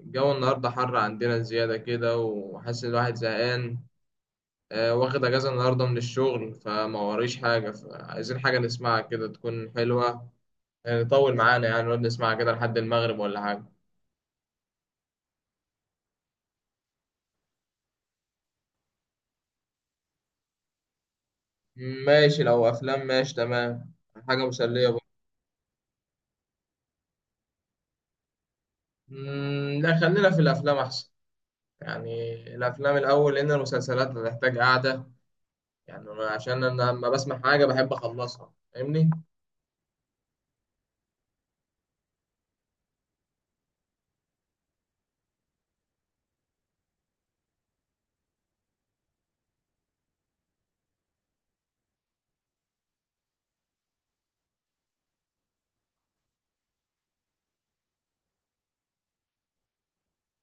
الجو النهاردة حر عندنا زيادة كده، وحاسس إن الواحد زهقان. آه، واخد أجازة النهاردة من الشغل فما وريش حاجة، فعايزين حاجة نسمعها كده تكون حلوة. يعني طول معانا، يعني نقعد نسمعها كده لحد المغرب ولا حاجة. ماشي، لو أفلام ماشي تمام. حاجة مسلية برضه. لا، خلينا في الأفلام أحسن. يعني الأفلام الأول، لأن المسلسلات هتحتاج قعدة. يعني عشان أنا لما بسمع حاجة بحب أخلصها، فاهمني؟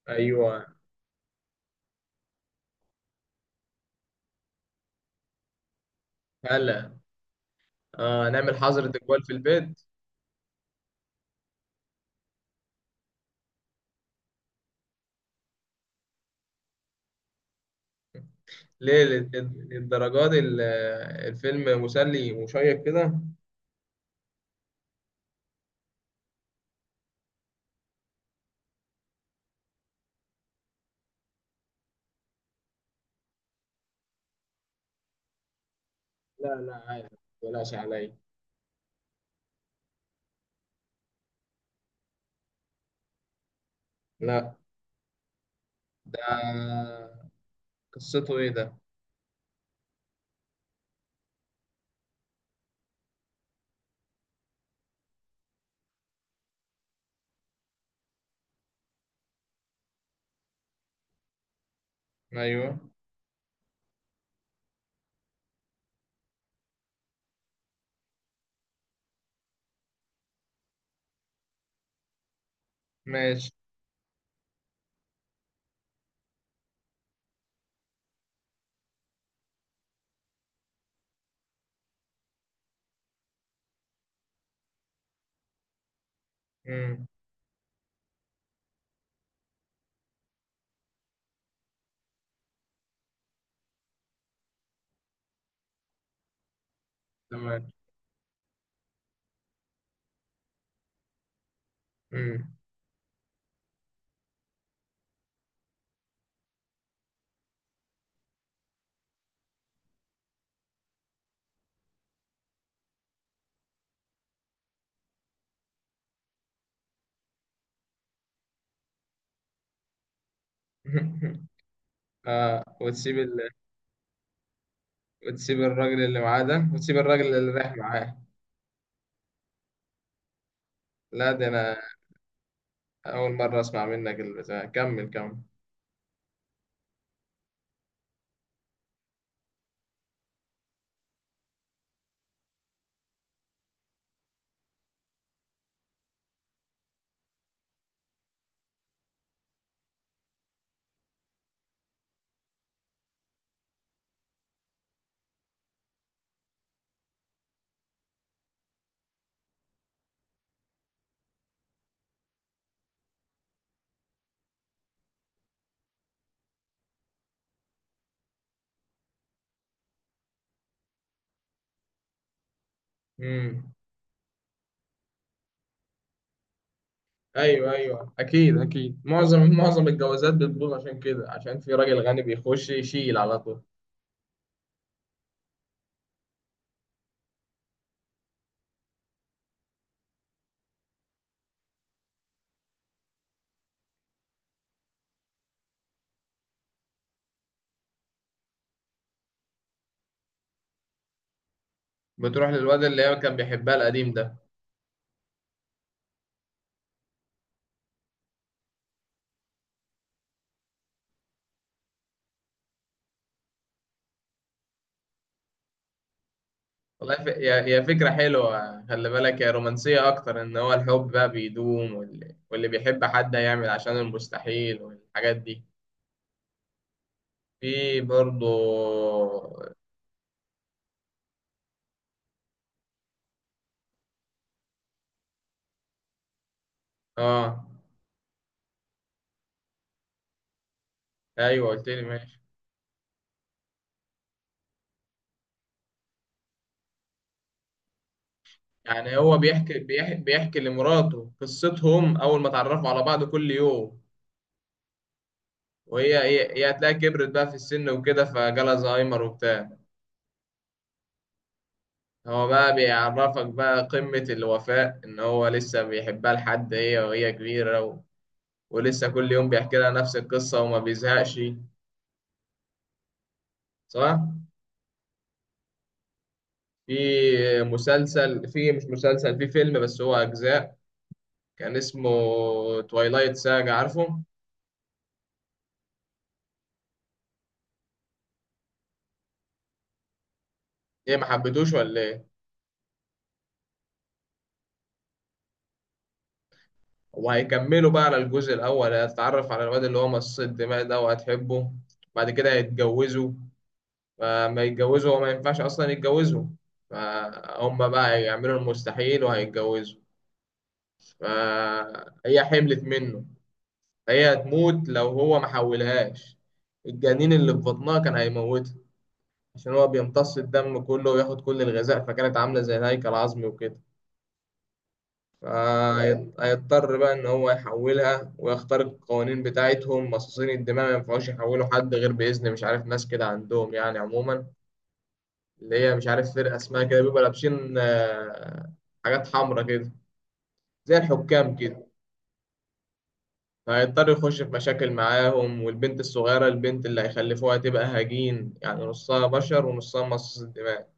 أيوه. هلا. آه، نعمل حظر تجوال في البيت. ليه لل- للدرجات ال- الفيلم مسلي ومشيق كده. لا لا، عادي، متقلقش عليا. لا. ده قصته ايه ده؟ ايوه. ماشي. امم. تمام. امم. آه، وتسيب وتسيب الراجل اللي معاه ده، وتسيب الراجل اللي رايح معاه. لا، ده انا اول مره اسمع منك البتاع، كمل كمل. امم. ايوه ايوه، اكيد اكيد، معظم معظم الجوازات بتبوظ عشان كده، عشان في راجل غني بيخش يشيل على طول. بتروح للواد اللي هي كان بيحبها القديم ده. والله هي فكرة حلوة. خلي بالك، هي رومانسية أكتر إن هو الحب بقى بيدوم، واللي بيحب حد هيعمل عشان المستحيل والحاجات دي. في برضه. آه. أيوه قلت لي ماشي. يعني هو بيحكي لمراته قصتهم أول ما اتعرفوا على بعض كل يوم. وهي هي, هي هتلاقيها كبرت بقى في السن وكده، فجالها زهايمر وبتاع. هو بقى بيعرفك بقى قمة الوفاء إن هو لسه بيحبها لحد هي وهي كبيرة، و... ولسه كل يوم بيحكي لها نفس القصة وما بيزهقش، صح؟ في في مش مسلسل، في فيلم بس هو أجزاء، كان اسمه تويلايت ساجا، عارفه؟ إيه، ما حبيتوش ولا إيه؟ وهيكملوا بقى، على الجزء الأول هتتعرف على الواد اللي هو مصاص الدماء ده، وهتحبه. بعد كده هيتجوزوا. فما يتجوزوا، هو ما ينفعش اصلا يتجوزوا. فهم بقى يعملوا المستحيل وهيتجوزوا. فهي حملت منه. هي هتموت لو هو ما حولهاش، الجنين اللي في بطنها كان هيموتها، عشان هو بيمتص الدم كله وياخد كل الغذاء، فكانت عاملة زي الهيكل العظمي وكده. فهيضطر بقى إن هو يحولها ويخترق القوانين بتاعتهم. مصاصين الدماء ما ينفعوش يحولوا حد غير بإذن، مش عارف، ناس كده عندهم يعني. عموما اللي هي، مش عارف، فرقة اسمها كده بيبقوا لابسين حاجات حمراء كده، زي الحكام كده. هيضطر يخش في مشاكل معاهم. والبنت الصغيرة، البنت اللي هيخلفوها، تبقى هجين يعني، نصها بشر ونصها مصاص الدماء.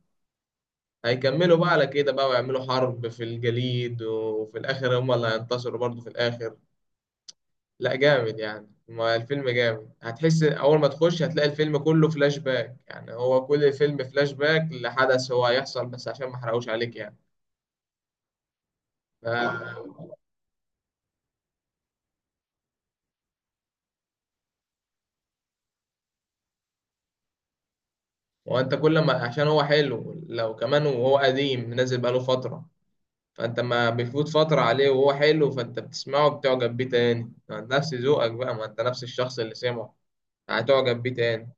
هيكملوا بقى على كده بقى، ويعملوا حرب في الجليد، وفي الآخر هما اللي هينتصروا برضه في الآخر. لا جامد يعني، ما الفيلم جامد. هتحس أول ما تخش هتلاقي الفيلم كله فلاش باك، يعني هو كل الفيلم فلاش باك لحدث هو هيحصل، بس عشان ما احرقوش عليك يعني. ف... هو انت كل ما، عشان هو حلو لو كمان وهو قديم نازل بقاله فترة، فانت ما بيفوت فترة عليه وهو حلو، فانت بتسمعه بتعجب بيه تاني نفس ذوقك بقى، ما انت نفس الشخص اللي سمعه، هتعجب بيه تاني.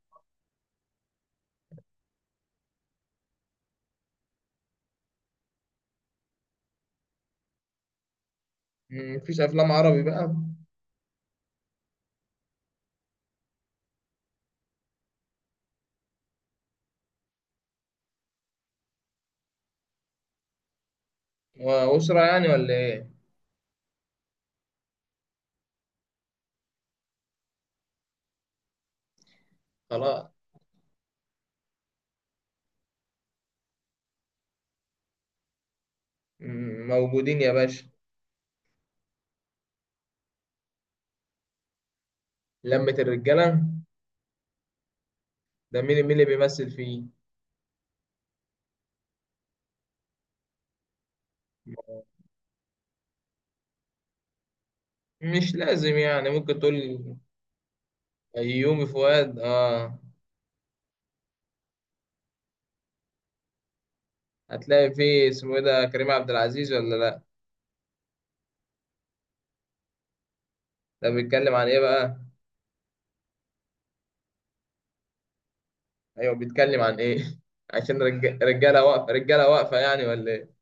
مفيش افلام عربي بقى؟ وأسرة يعني ولا ايه؟ خلاص. موجودين يا باشا. لمة الرجالة. ده مين مين اللي بيمثل فيه؟ مش لازم يعني، ممكن تقول. أيومي فؤاد، اه. هتلاقي فيه، اسمه ايه ده، كريم عبد العزيز ولا لا؟ ده بيتكلم عن ايه بقى؟ ايوه، بيتكلم عن ايه؟ عشان رجاله واقفه رجاله واقفه يعني ولا ايه؟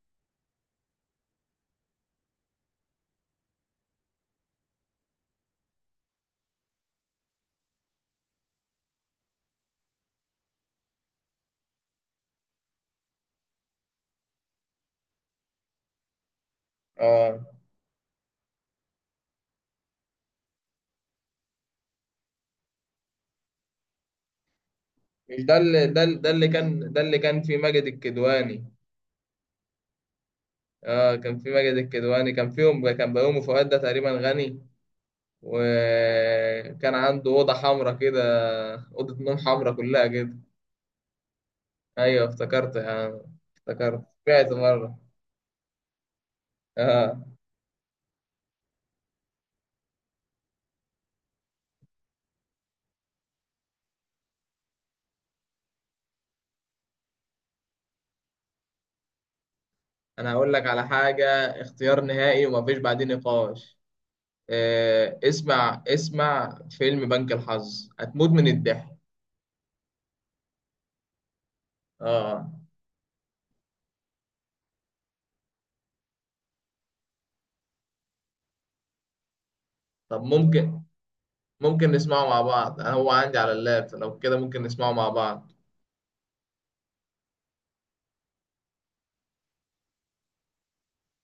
اه، مش ده اللي كان في ماجد الكدواني. اه، كان في ماجد الكدواني، كان فيهم، كان بيومي فؤاد ده تقريبا غني. وكان عنده اوضه حمراء كده، اوضه نوم حمراء كلها كده. ايوه افتكرت يعني، افتكرت سمعت مره. اه، انا هقول لك على حاجه، اختيار نهائي ومفيش بعدين نقاش. آه، اسمع اسمع فيلم بنك الحظ، هتموت من الضحك. اه طب ممكن، ممكن نسمعه مع بعض، انا هو عندي على اللاب لو كده ممكن نسمعه مع بعض.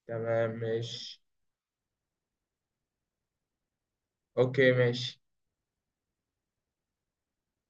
تمام ماشي. اوكي ماشي.